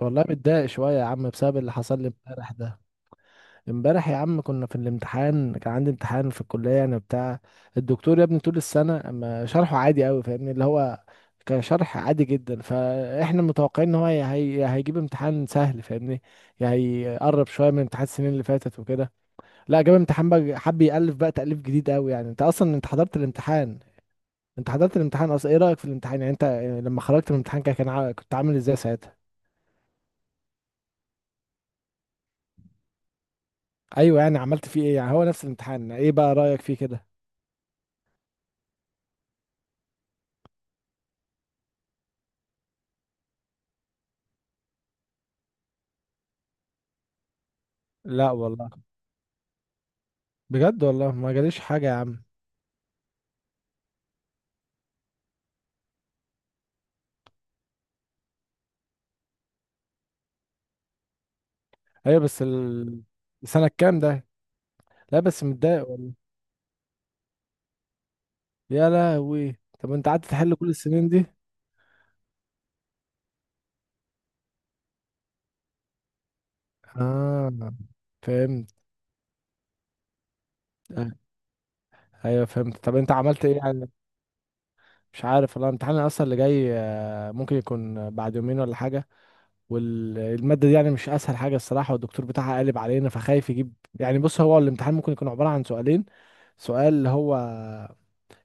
والله متضايق شوية يا عم بسبب اللي حصل لي امبارح ده. امبارح يا عم كنا في الامتحان، كان عندي امتحان في الكلية يعني بتاع الدكتور يا ابني. طول السنة ما شرحه عادي قوي فاهمني، اللي هو كان شرح عادي جدا، فاحنا متوقعين ان هو هي هي- يا هيجيب امتحان سهل فاهمني، يعني هيقرب شوية من امتحان السنين اللي فاتت وكده. لا، جاب امتحان بقى، حب يألف بقى تأليف جديد قوي. يعني انت اصلا انت حضرت الامتحان اصلا، ايه رأيك في الامتحان؟ يعني انت لما خرجت من الامتحان كنت عامل ازاي ساعتها؟ ايوه يعني عملت فيه ايه؟ يعني هو نفس الامتحان، ايه بقى رأيك فيه كده؟ لا والله. بجد والله ما جاليش حاجة يا عم. ايوه بس سنة كام ده؟ لا بس متضايق والله. يا لهوي، طب انت قعدت تحل كل السنين دي؟ اه فهمت. آه، ايوه فهمت. طب انت عملت ايه يعني؟ مش عارف والله الامتحان اصلا اللي جاي. ممكن يكون بعد يومين ولا حاجه. والماده دي يعني مش اسهل حاجه الصراحه، والدكتور بتاعها قالب علينا، فخايف يجيب. يعني بص، هو الامتحان ممكن يكون عباره عن سؤالين. سؤال اللي هو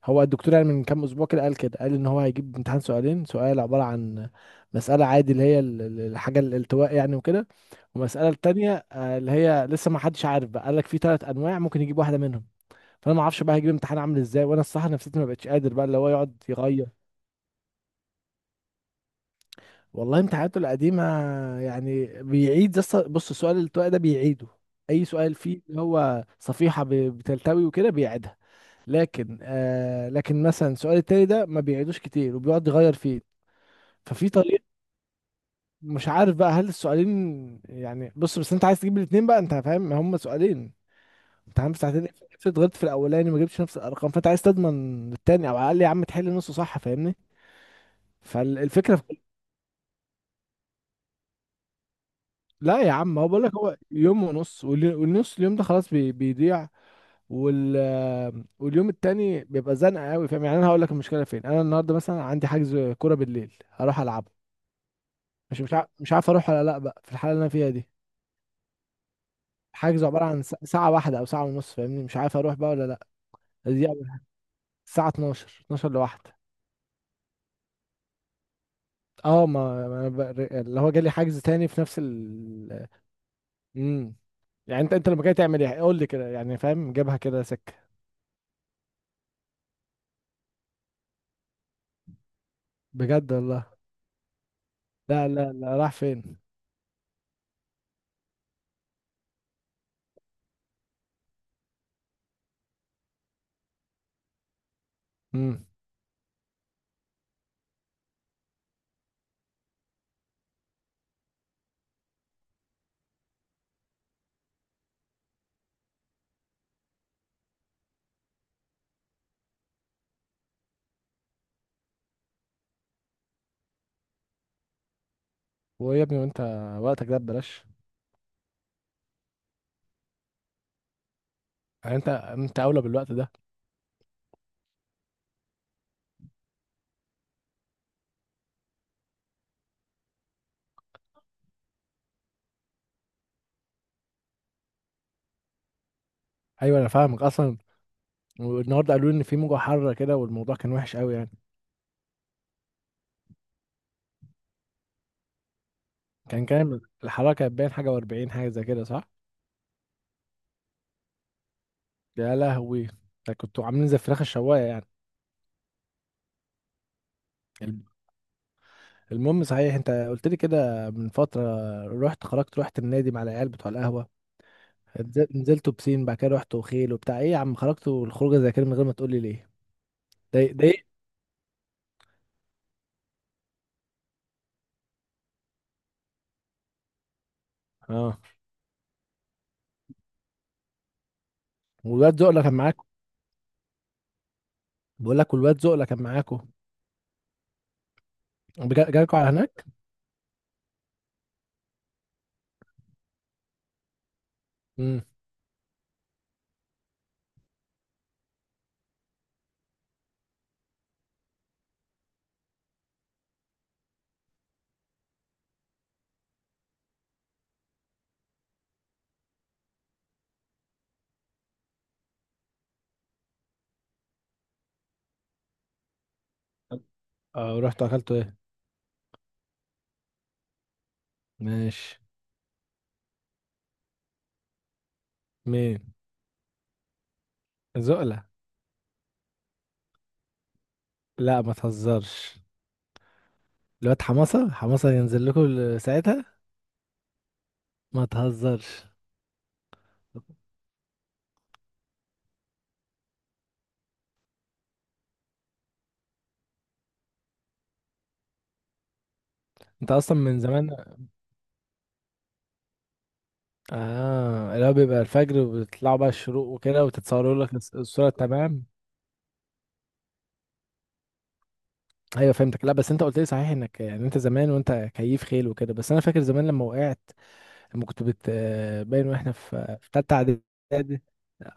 هو الدكتور يعني من كام اسبوع كده قال ان هو هيجيب امتحان سؤالين. سؤال عباره عن مساله عادي اللي هي الحاجه الالتواء يعني وكده، ومساله التانية اللي هي لسه ما حدش عارف بقى، قال لك في ثلاث انواع ممكن يجيب واحده منهم. فانا ما اعرفش بقى هيجيب امتحان عامل ازاي، وانا الصراحه نفسيتي ما بقتش قادر بقى اللي هو يقعد يغير. والله امتحاناته القديمه يعني بيعيد، بص، السؤال الالتواء ده بيعيده، اي سؤال فيه اللي هو صفيحه بتلتوي وكده بيعيدها. لكن مثلا السؤال التاني ده ما بيعيدوش كتير وبيقعد يغير فيه. ففي طريقة. مش عارف بقى، هل السؤالين يعني، بص بس انت عايز تجيب الاتنين بقى، انت فاهم، هم سؤالين، امتحان بساعتين. افرض غلطت في الاولاني ما جبتش نفس الارقام، فانت عايز تضمن التاني، او على الاقل يا عم تحل نصه صح فاهمني. فالفكرة في... لا يا عم، هو بقول لك هو يوم ونص، والنص اليوم ده خلاص بيضيع، وال... واليوم التاني بيبقى زنقة قوي فاهم. يعني انا هقول لك المشكلة فين: انا النهارده مثلا عندي حجز كورة بالليل هروح العبه. مش عارف اروح ولا لا بقى في الحالة اللي انا فيها دي. حجزه عبارة عن ساعة واحدة أو ساعة ونص فاهمني، مش عارف أروح بقى ولا لأ. دي أول- الساعة 12 12 لواحدة. اه، ما ما أنا بق- اللي هو جالي حجز تاني في نفس ال... امم يعني انت لما جاي تعمل ايه قول لي كده، يعني فاهم جابها كده سكة. بجد والله. لا لا لا راح فين. امم ويا ابني، وانت وقتك ده ببلاش؟ يعني انت اولى بالوقت ده. ايوه انا فاهمك اصلا. والنهارده قالوا لي ان في موجة حارة كده، والموضوع كان وحش قوي يعني. كان كام الحرارة؟ كانت باين حاجة و40 حاجة زي كده صح؟ يا لهوي، ده كنتوا عاملين زي الفراخ الشوايه يعني. الم- المهم، صحيح انت قلت لي كده من فتره رحت النادي مع العيال بتوع القهوه، نزلتوا بسين، بعد كده رحتوا خيل وبتاع، ايه يا عم خرجتوا الخروجه زي كده من غير ما تقول لي ليه؟ ده ايه؟ اه، والواد زقله كان معاكم؟ بقول لك، والواد زقله كان معاكم؟ جالكوا على هناك؟ امم اه رحتوا اكلتوا ايه؟ ماشي. مين؟ زقله؟ لا ما تهزرش. الواد حماسه ينزل لكم ساعتها؟ ما تهزرش. انت اصلا من زمان. اه، اللي هو بيبقى الفجر وبيطلعوا بقى الشروق وكده وتتصوروا لك الصورة تمام. ايوه فهمتك. لا بس انت قلت لي صحيح انك يعني انت زمان وانت كيف خيل وكده، بس انا فاكر زمان لما وقعت، لما كنت بت آه، باين، واحنا في تالتة اعدادي.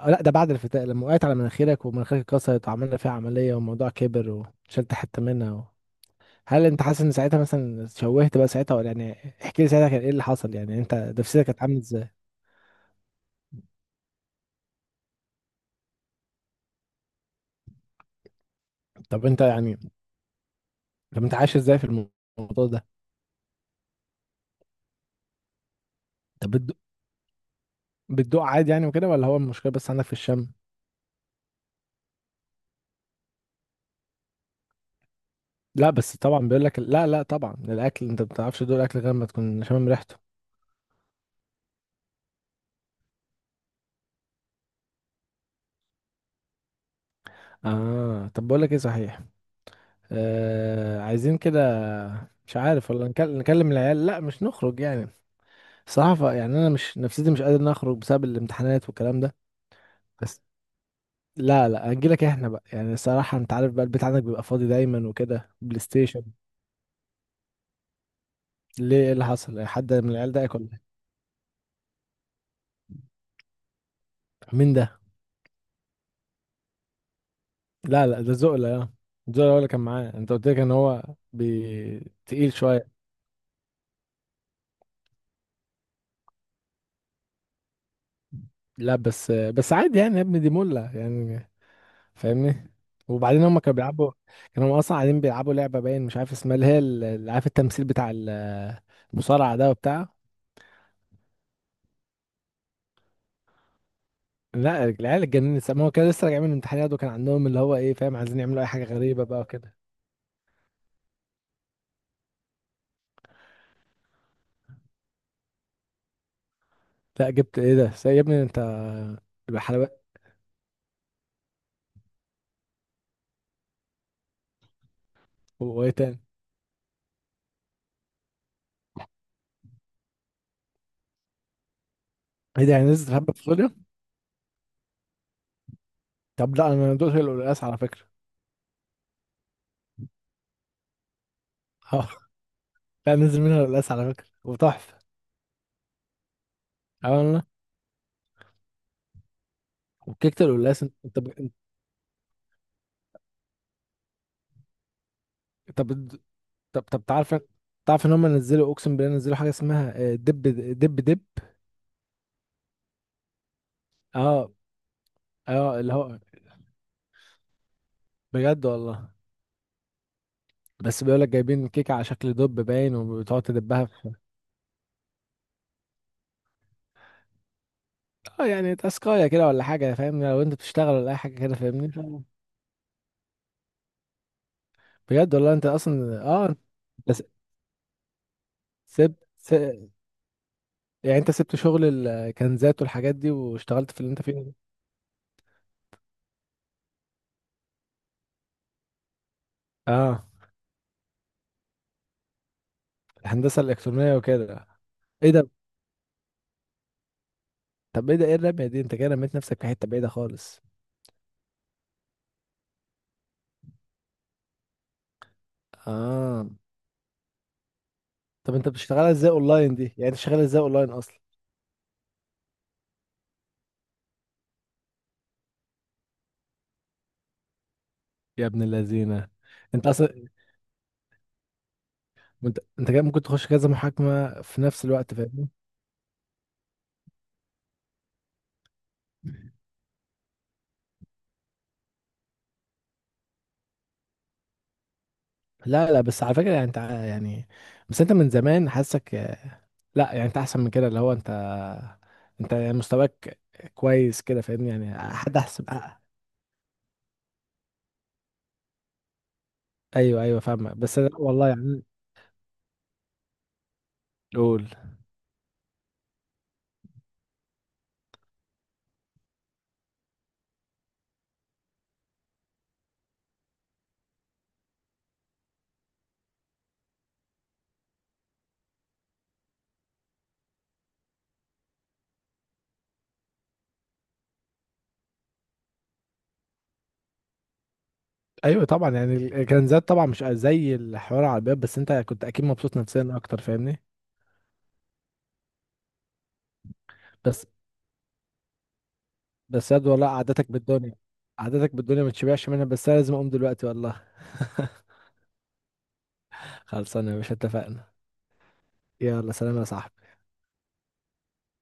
لا ده بعد الفتاة لما وقعت على مناخيرك ومناخيرك اتكسرت، وعملنا فيها عملية والموضوع كبر، وشلت حتة منها هل انت حاسس ان ساعتها مثلا شوهت بقى ساعتها ولا يعني؟ احكي لي ساعتها كان ايه اللي حصل، يعني انت نفسيتك كانت عامله ازاي؟ طب انت يعني طب انت عايش ازاي في الموضوع ده؟ طب بتدوق عادي يعني وكده، ولا هو المشكله بس عندك في الشم؟ لا بس طبعا بيقول لك لا، لا طبعا، الاكل انت ما بتعرفش تدوق الاكل غير ما تكون شامم ريحته. اه، طب بقول لك ايه صحيح. عايزين كده، مش عارف ولا نكلم العيال، لا مش نخرج يعني، صحفة يعني انا مش نفسيتي، مش قادر نخرج بسبب الامتحانات والكلام ده بس. لا لا هنجيلك احنا بقى، يعني الصراحة انت عارف بقى البيت عندك بيبقى فاضي دايما وكده، بلاي ستيشن. ليه، ايه اللي حصل؟ حد من العيال ضايقك ولا إيه؟ مين ده؟ لا لا ده زقلة اه. زقلة هو اللي كان معاه، انت قلت لك ان هو تقيل شوية. لا بس عادي يعني يا ابني، دي ملة يعني فاهمني. وبعدين هم كانوا بيلعبوا، كانوا اصلا قاعدين بيلعبوا لعبة باين مش عارف اسمها، اللي هي اللي عارف التمثيل بتاع المصارعة ده وبتاع. لا العيال اتجننت، ما هو كان لسه راجع من الامتحانات، وكان عندهم اللي هو ايه فاهم، عايزين يعملوا اي حاجة غريبة بقى وكده. لا جبت ايه ده يا ابني انت؟ الحلويات. وايه تاني؟ ايه ده، يعني نزلت حبة فاصوليا؟ طب لا انا دقت القلقاس على فكرة. لا نزل منها القلاس على فكرة وتحفة. عملنا وكيكة القلاس. انت بت- طب تعرف، ان هم نزلوا، اقسم بالله نزلوا حاجة اسمها دب دب دب. اه اه اللي هو، بجد والله، بس بيقول لك جايبين كيكة على شكل دب باين، وبتقعد تدبها في. اه، يعني تاسكاية كده ولا حاجة فاهمني لو انت بتشتغل ولا اي حاجة كده فاهمني. بجد والله انت اصلا اه؟ انت س- سبت س... يعني انت سبت شغل الكنزات والحاجات دي واشتغلت في اللي انت فيه ده؟ اه، الهندسة الإلكترونية وكده؟ ايه ده؟ طب ايه الرمية دي؟ انت كده رميت نفسك في حتة بعيدة خالص. اه طب انت بتشتغلها ازاي اونلاين دي؟ يعني انت شغال ازاي اونلاين اصلا؟ يا ابن اللذينة. انت اصلا، انت كده ممكن تخش كذا محاكمة في نفس الوقت فاهمني. لا لا بس على فكرة يعني يعني، بس انت من زمان حاسك، لا يعني انت احسن من كده، اللي هو انت، انت يعني مستواك كويس كده فاهمني، يعني حد احسن. ايوه فاهمك، بس أنا والله يعني. قول. ايوه طبعا يعني الكنزات طبعا مش زي الحوار على الباب، بس انت كنت اكيد مبسوط نفسيا اكتر فاهمني. بس بس ياد والله قعدتك بالدنيا، قعدتك بالدنيا ما تشبعش منها، بس انا لازم اقوم دلوقتي والله. خلصانه يا باشا، اتفقنا. يلا، سلام يا صاحبي.